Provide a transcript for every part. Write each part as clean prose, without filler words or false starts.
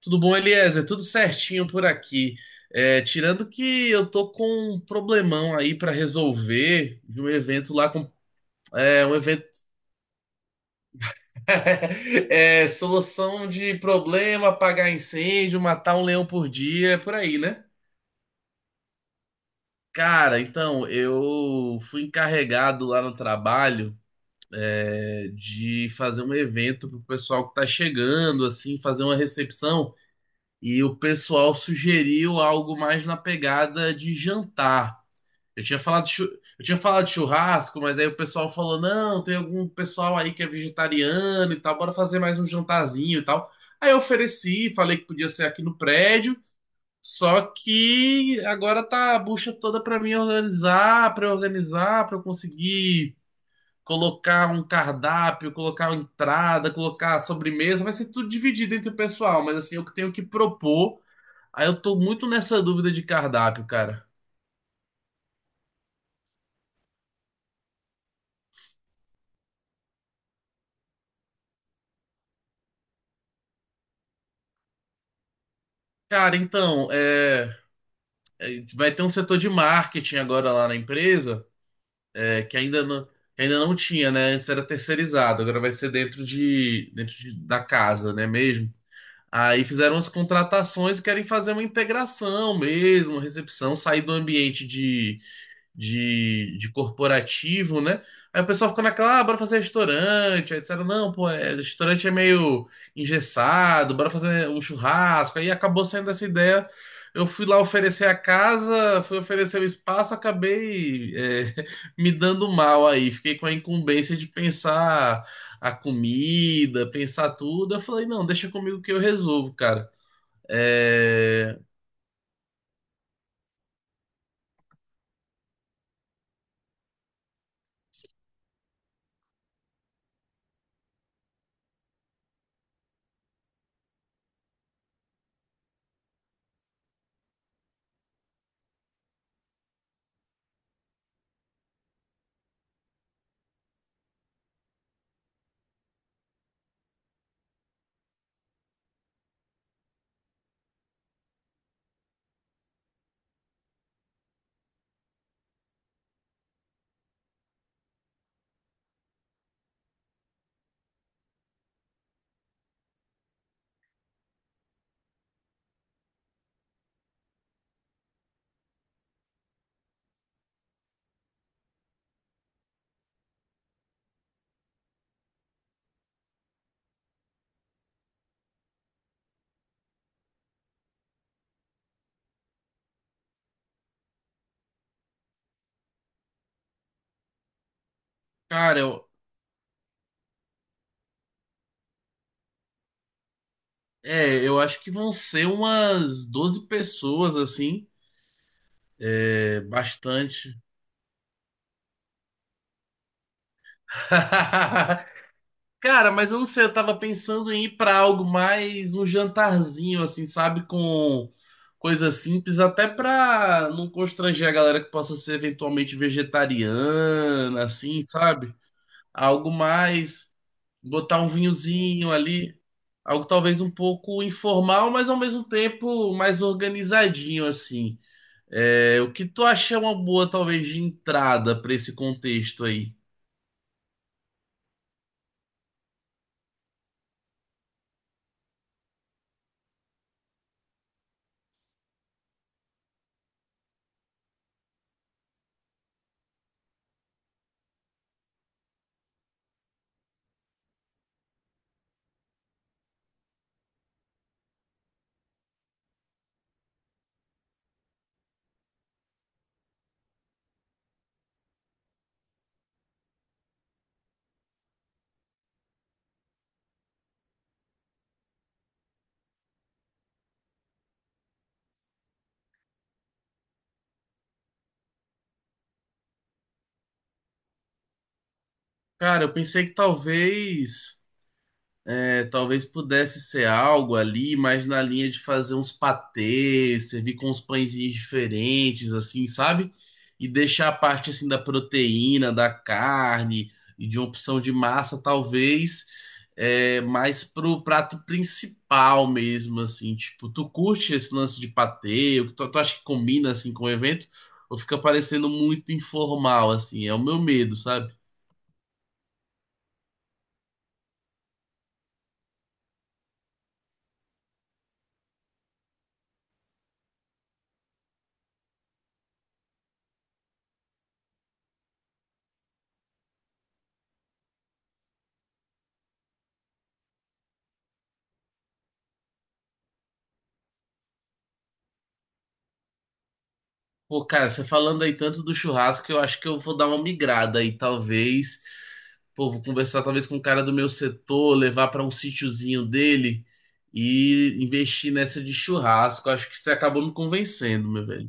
Tudo bom, Eliezer? Tudo certinho por aqui. É, tirando que eu tô com um problemão aí pra resolver de um evento lá com. É, um evento. É, solução de problema, apagar incêndio, matar um leão por dia, é por aí, né? Cara, então, eu fui encarregado lá no trabalho de fazer um evento pro pessoal que tá chegando, assim, fazer uma recepção. E o pessoal sugeriu algo mais na pegada de jantar. Eu tinha falado de chu- eu tinha falado de churrasco, mas aí o pessoal falou: não, tem algum pessoal aí que é vegetariano e tal, bora fazer mais um jantarzinho e tal. Aí eu ofereci, falei que podia ser aqui no prédio, só que agora tá a bucha toda pra mim organizar, pra eu conseguir colocar um cardápio, colocar uma entrada, colocar a sobremesa, vai ser tudo dividido entre o pessoal, mas assim, eu que tenho que propor. Aí eu tô muito nessa dúvida de cardápio, cara. Cara, então, é. Vai ter um setor de marketing agora lá na empresa, eh, que ainda não, que ainda não tinha, né? Antes era terceirizado, agora vai ser da casa, né mesmo? Aí fizeram as contratações e querem fazer uma integração mesmo, recepção, sair do ambiente de corporativo, né? Aí o pessoal ficou naquela, ah, bora fazer restaurante. Aí disseram, não, pô, é, restaurante é meio engessado, bora fazer um churrasco. Aí acabou saindo essa ideia. Eu fui lá oferecer a casa, fui oferecer o espaço, acabei me dando mal aí. Fiquei com a incumbência de pensar a comida, pensar tudo. Eu falei, não, deixa comigo que eu resolvo, cara. É, Cara, eu, é, eu acho que vão ser umas 12 pessoas, assim. É, bastante. Cara, mas eu não sei, eu tava pensando em ir pra algo mais um jantarzinho, assim, sabe? Com coisa simples, até pra não constranger a galera que possa ser eventualmente vegetariana, assim, sabe? Algo mais, botar um vinhozinho ali, algo talvez um pouco informal, mas ao mesmo tempo mais organizadinho, assim. É, o que tu acha é uma boa, talvez, de entrada pra esse contexto aí? Cara, eu pensei que talvez. É, talvez pudesse ser algo ali, mas na linha de fazer uns patês, servir com uns pãezinhos diferentes, assim, sabe? E deixar a parte assim da proteína, da carne e de uma opção de massa, talvez, mais pro prato principal mesmo, assim. Tipo, tu curte esse lance de patê? Tu acha que combina assim com o evento? Ou fica parecendo muito informal, assim? É o meu medo, sabe? Pô, cara, você falando aí tanto do churrasco, eu acho que eu vou dar uma migrada aí, talvez. Pô, vou conversar talvez com um cara do meu setor, levar pra um sítiozinho dele e investir nessa de churrasco. Acho que você acabou me convencendo, meu velho.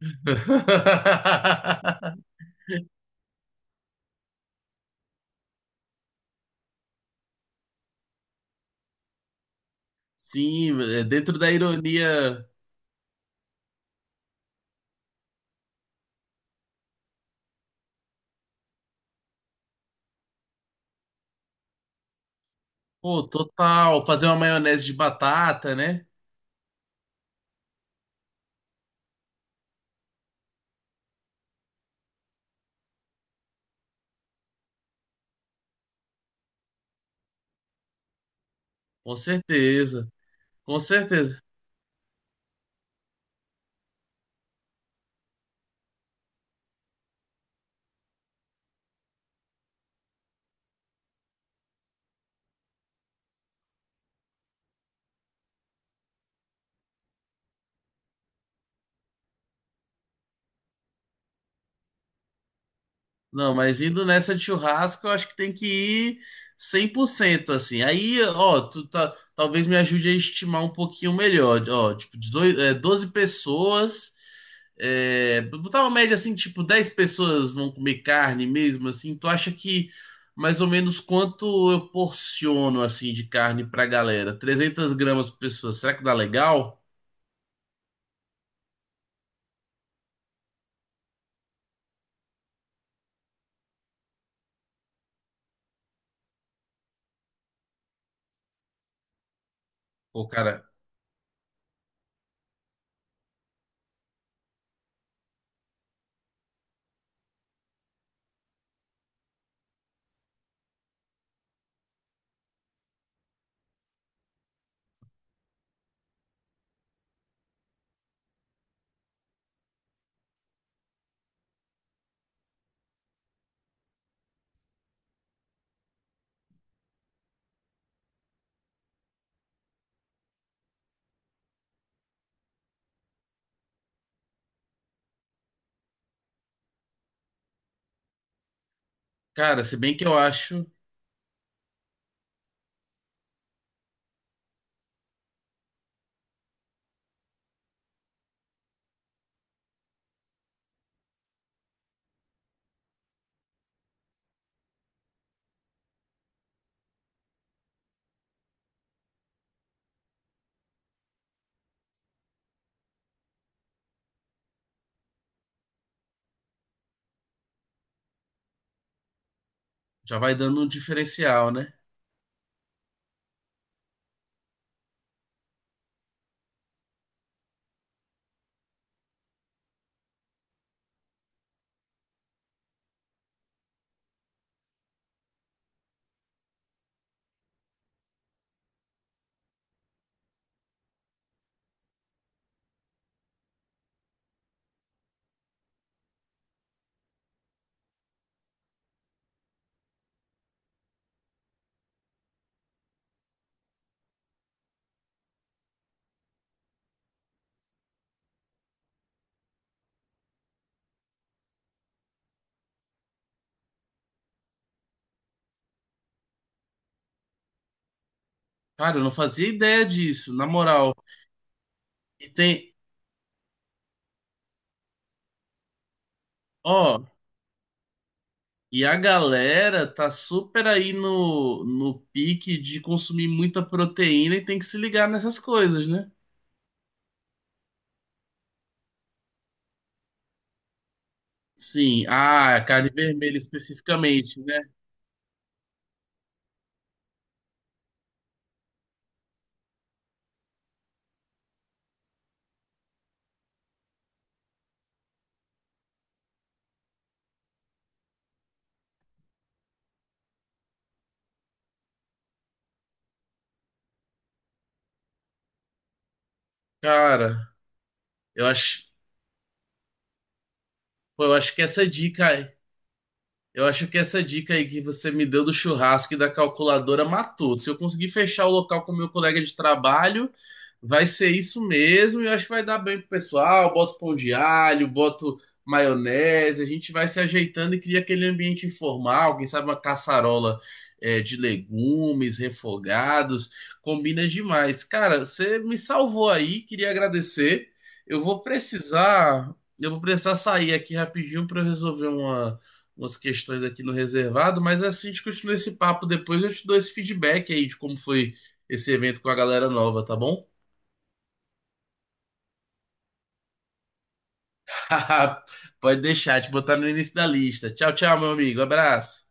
Sim, é dentro da ironia, pô, total, fazer uma maionese de batata, né? Com certeza, com certeza. Não, mas indo nessa de churrasco, eu acho que tem que ir 100% assim. Aí, ó, tu tá, talvez me ajude a estimar um pouquinho melhor. Ó, tipo, 12 pessoas. É, botar uma média assim, tipo, 10 pessoas vão comer carne mesmo, assim. Tu acha que mais ou menos quanto eu porciono, assim, de carne pra galera? 300 gramas por pessoa, será que dá legal? Pô, cara, cara, se bem que eu acho, já vai dando um diferencial, né? Cara, eu não fazia ideia disso, na moral. E tem, ó, e a galera tá super aí no pique de consumir muita proteína e tem que se ligar nessas coisas, né? Sim, ah, a carne vermelha especificamente, né? Cara, eu acho, pô, eu acho que essa dica. Eu acho que essa dica aí que você me deu do churrasco e da calculadora matou. Se eu conseguir fechar o local com o meu colega de trabalho, vai ser isso mesmo. E eu acho que vai dar bem pro pessoal. Boto pão de alho, boto maionese. A gente vai se ajeitando e cria aquele ambiente informal. Quem sabe uma caçarola de legumes refogados. Combina demais. Cara, você me salvou aí. Queria agradecer. Eu vou precisar sair aqui rapidinho para resolver uma umas questões aqui no reservado, mas é assim a gente continua esse papo depois. Eu te dou esse feedback aí de como foi esse evento com a galera nova, tá bom? Pode deixar, te botar no início da lista. Tchau, tchau, meu amigo. Abraço.